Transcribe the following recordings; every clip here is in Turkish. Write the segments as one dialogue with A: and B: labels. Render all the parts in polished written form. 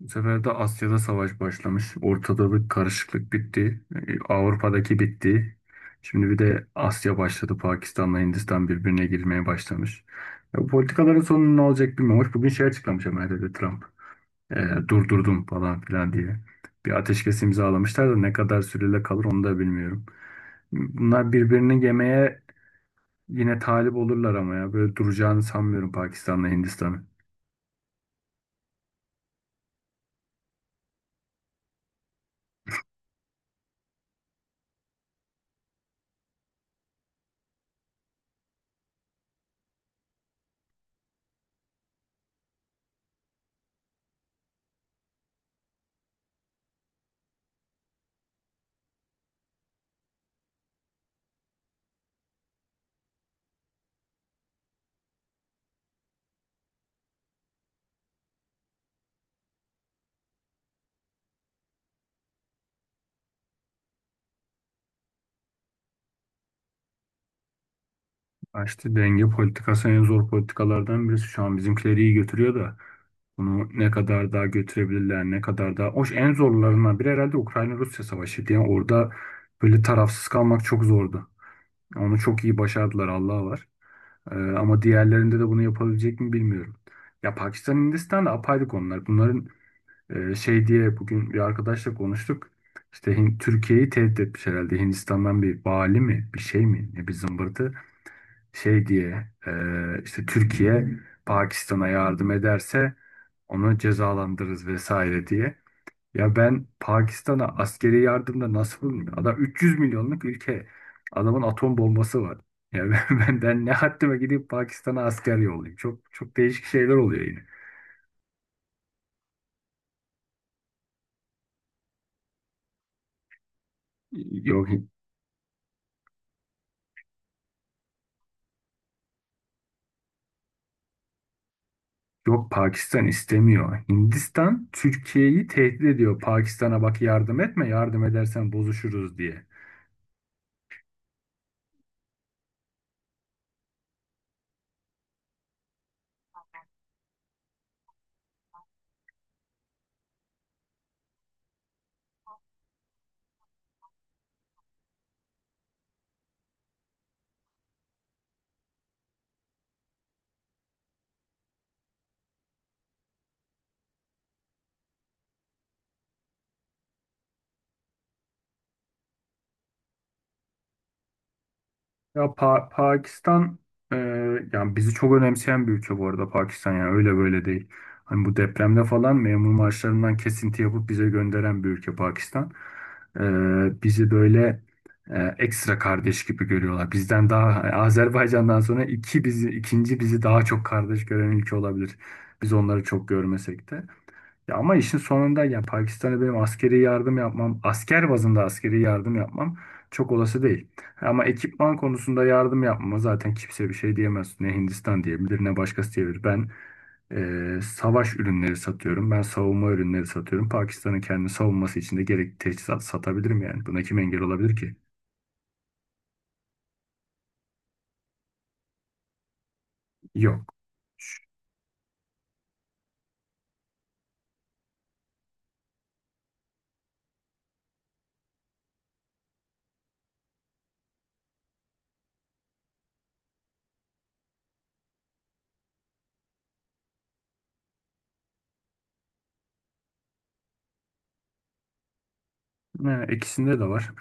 A: Bu sefer de Asya'da savaş başlamış. Ortada bir karışıklık bitti. Avrupa'daki bitti. Şimdi bir de Asya başladı. Pakistan'la Hindistan birbirine girmeye başlamış. Ya bu politikaların sonu ne olacak bilmiyorum. Hoş, bugün şey açıklamış Amerika'da Trump. E, durdurdum falan filan diye. Bir ateşkes imzalamışlar da ne kadar süreyle kalır onu da bilmiyorum. Bunlar birbirini yemeye yine talip olurlar ama ya. Böyle duracağını sanmıyorum Pakistan'la Hindistan'ı. Ha, İşte denge politikası en zor politikalardan birisi. Şu an bizimkileri iyi götürüyor da bunu ne kadar daha götürebilirler, ne kadar daha... Hoş, en zorlarından biri herhalde Ukrayna-Rusya savaşıydı. Yani orada böyle tarafsız kalmak çok zordu. Onu çok iyi başardılar, Allah'a var. Ama diğerlerinde de bunu yapabilecek mi bilmiyorum. Ya Pakistan, Hindistan da apayrı konular. Bunların şey diye bugün bir arkadaşla konuştuk. İşte Türkiye'yi tehdit etmiş herhalde. Hindistan'dan bir vali mi, bir şey mi, ne bir zımbırtı şey diye işte Türkiye Pakistan'a yardım ederse onu cezalandırırız vesaire diye. Ya ben Pakistan'a askeri yardımda nasıl bulunmuyor? Adam 300 milyonluk ülke. Adamın atom bombası var. Ya ben, ben ne haddime gidip Pakistan'a asker yollayayım. Çok çok değişik şeyler oluyor yine. Yok, yok, Pakistan istemiyor. Hindistan Türkiye'yi tehdit ediyor. Pakistan'a bak, yardım etme, yardım edersen bozuşuruz diye. Ya Pakistan e, yani bizi çok önemseyen bir ülke bu arada Pakistan, yani öyle böyle değil. Hani bu depremde falan memur maaşlarından kesinti yapıp bize gönderen bir ülke Pakistan. E, bizi böyle ekstra kardeş gibi görüyorlar. Bizden daha, yani Azerbaycan'dan sonra iki bizi ikinci bizi daha çok kardeş gören ülke olabilir. Biz onları çok görmesek de. Ya ama işin sonunda ya Pakistan'a benim askeri yardım yapmam, asker bazında askeri yardım yapmam çok olası değil. Ama ekipman konusunda yardım yapmama zaten kimse bir şey diyemez. Ne Hindistan diyebilir ne başkası diyebilir. Ben savaş ürünleri satıyorum. Ben savunma ürünleri satıyorum. Pakistan'ın kendi savunması için de gerekli teçhizat satabilirim yani. Buna kim engel olabilir ki? Yok. Ş- Ha, ikisinde de var.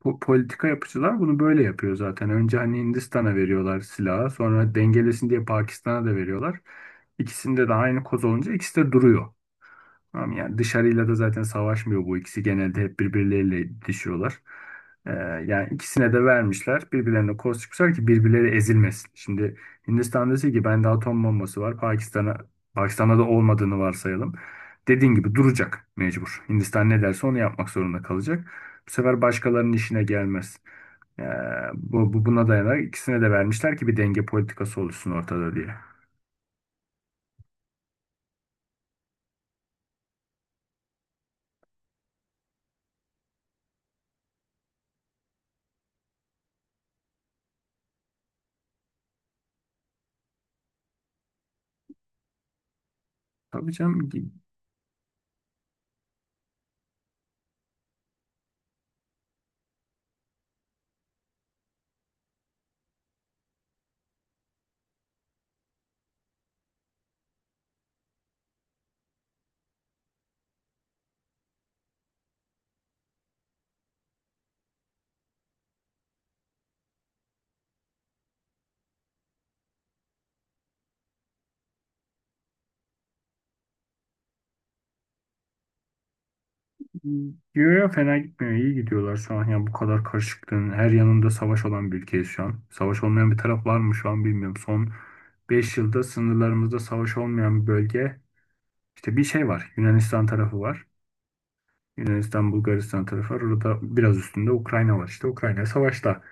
A: Politika yapıcılar bunu böyle yapıyor zaten. Önce hani Hindistan'a veriyorlar silahı, sonra dengelesin diye Pakistan'a da veriyorlar. İkisinde de aynı koz olunca ikisi de duruyor. Tamam, yani dışarıyla da zaten savaşmıyor bu ikisi. Genelde hep birbirleriyle itişiyorlar. Ee, yani ikisine de vermişler. Birbirlerine koz çıkmışlar ki birbirleri ezilmesin. Şimdi Hindistan dese ki bende atom bombası var. Pakistan'a Pakistan'da da olmadığını varsayalım. Dediğin gibi duracak mecbur. Hindistan ne derse onu yapmak zorunda kalacak. Bu sefer başkalarının işine gelmez. Ee, bu, bu buna dayanarak ikisine de vermişler ki bir denge politikası oluşsun ortada diye. Tabii canım gidiyor ya, fena gitmiyor. İyi gidiyorlar şu an. Yani bu kadar karışıklığın her yanında savaş olan bir ülkeyiz şu an. Savaş olmayan bir taraf var mı şu an bilmiyorum. Son 5 yılda sınırlarımızda savaş olmayan bir bölge, İşte bir şey var. Yunanistan tarafı var. Yunanistan, Bulgaristan tarafı var. Orada biraz üstünde Ukrayna var. İşte Ukrayna savaşta.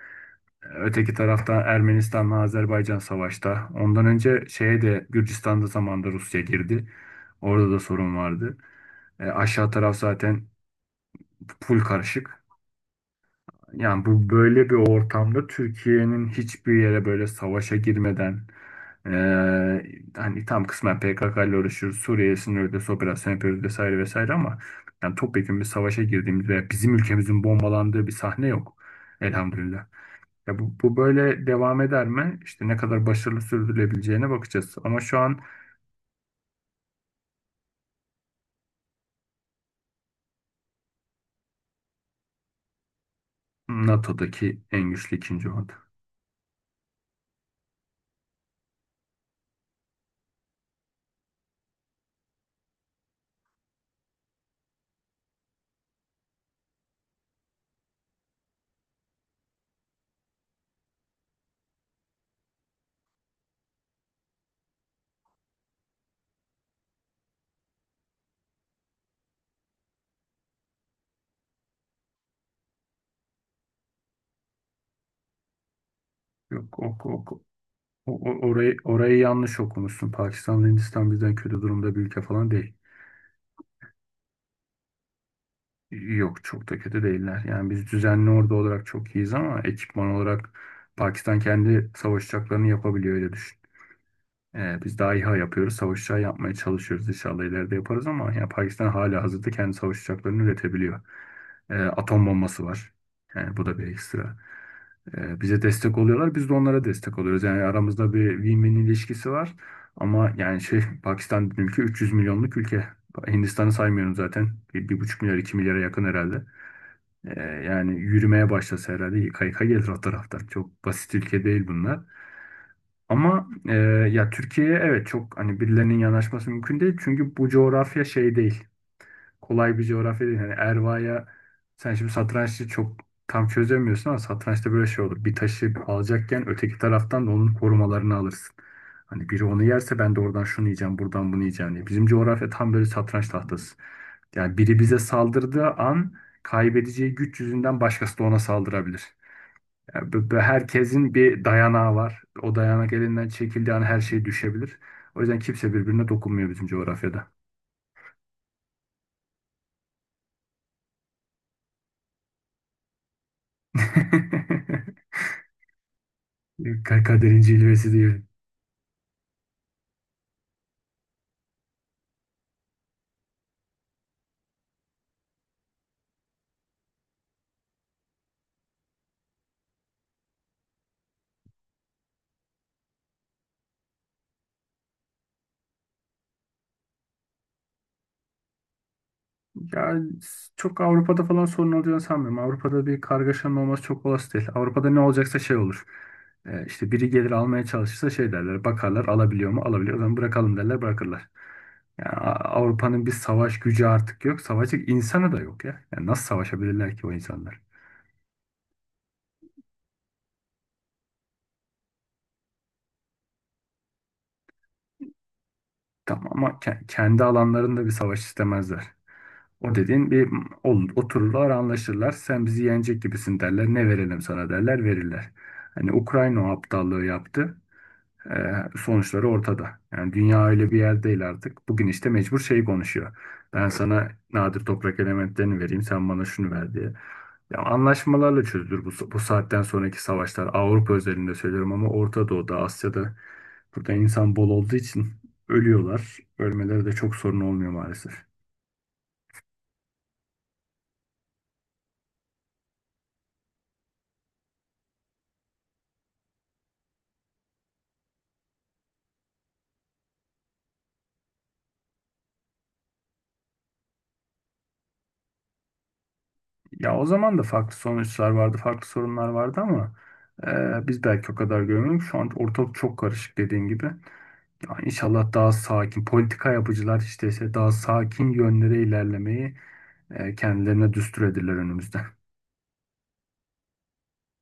A: Öteki tarafta Ermenistan'la Azerbaycan savaşta. Ondan önce şeye de Gürcistan'da zamanında Rusya girdi. Orada da sorun vardı. Aşağı taraf zaten full karışık. Yani bu böyle bir ortamda Türkiye'nin hiçbir yere böyle savaşa girmeden, eee, hani tam kısmen PKK ile uğraşıyoruz. Suriye sınırında operasyon yapıyoruz vesaire vesaire ama yani topyekun bir savaşa girdiğimiz veya bizim ülkemizin bombalandığı bir sahne yok. Elhamdülillah. Ya bu böyle devam eder mi? İşte ne kadar başarılı sürdürülebileceğine bakacağız. Ama şu an NATO'daki en güçlü ikinci ordu. Yok, ok, ok. Orayı, yanlış okumuşsun. Pakistan, Hindistan bizden kötü durumda bir ülke falan değil. Yok çok da kötü değiller. Yani biz düzenli ordu olarak çok iyiyiz ama ekipman olarak Pakistan kendi savaş uçaklarını yapabiliyor, öyle düşün. Biz daha İHA yapıyoruz. Savaş uçağı yapmaya çalışıyoruz. İnşallah ileride yaparız ama yani Pakistan hala hazırda kendi savaş uçaklarını üretebiliyor. Atom bombası var. Yani bu da bir ekstra. Bize destek oluyorlar. Biz de onlara destek oluyoruz. Yani aramızda bir win-win ilişkisi var. Ama yani şey Pakistan ülke 300 milyonluk ülke. Hindistan'ı saymıyorum zaten. Bir, 1,5 milyar, 2 milyara yakın herhalde. Yani yürümeye başlasa herhalde yıka yıka gelir o taraftan. Çok basit ülke değil bunlar. Ama ya Türkiye'ye evet çok hani birilerinin yanaşması mümkün değil. Çünkü bu coğrafya şey değil, kolay bir coğrafya değil. Hani Erva'ya sen şimdi satrançta çok tam çözemiyorsun ama satrançta böyle şey olur. Bir taşı alacakken öteki taraftan da onun korumalarını alırsın. Hani biri onu yerse ben de oradan şunu yiyeceğim, buradan bunu yiyeceğim diye. Bizim coğrafya tam böyle satranç tahtası. Yani biri bize saldırdığı an kaybedeceği güç yüzünden başkası da ona saldırabilir. Yani bu herkesin bir dayanağı var. O dayanak elinden çekildiği an her şey düşebilir. O yüzden kimse birbirine dokunmuyor bizim coğrafyada. Kaderin cilvesi diye. Ya çok Avrupa'da falan sorun olacağını sanmıyorum. Avrupa'da bir kargaşanın olması çok olası değil. Avrupa'da ne olacaksa şey olur. İşte biri gelir almaya çalışırsa şey derler. Bakarlar alabiliyor mu? Alabiliyor. O zaman bırakalım derler, bırakırlar. Yani Avrupa'nın bir savaş gücü artık yok. Savaşacak insanı da yok ya. Yani nasıl savaşabilirler ki o insanlar? Tamam ama kendi alanlarında bir savaş istemezler. O dediğin bir olur, otururlar anlaşırlar. Sen bizi yenecek gibisin derler. Ne verelim sana derler, verirler. Hani Ukrayna o aptallığı yaptı. Ee, sonuçları ortada. Yani dünya öyle bir yer değil artık. Bugün işte mecbur şey konuşuyor. Ben sana nadir toprak elementlerini vereyim, sen bana şunu ver diye. Ya anlaşmalarla çözülür bu saatten sonraki savaşlar. Avrupa özelinde söylüyorum ama Orta Doğu'da, Asya'da burada insan bol olduğu için ölüyorlar. Ölmeleri de çok sorun olmuyor maalesef. Ya o zaman da farklı sonuçlar vardı, farklı sorunlar vardı ama biz belki o kadar görmüyoruz. Şu an ortalık çok karışık dediğin gibi. Yani inşallah daha sakin, politika yapıcılar işte ise daha sakin yönlere ilerlemeyi kendilerine düstur edirler önümüzde.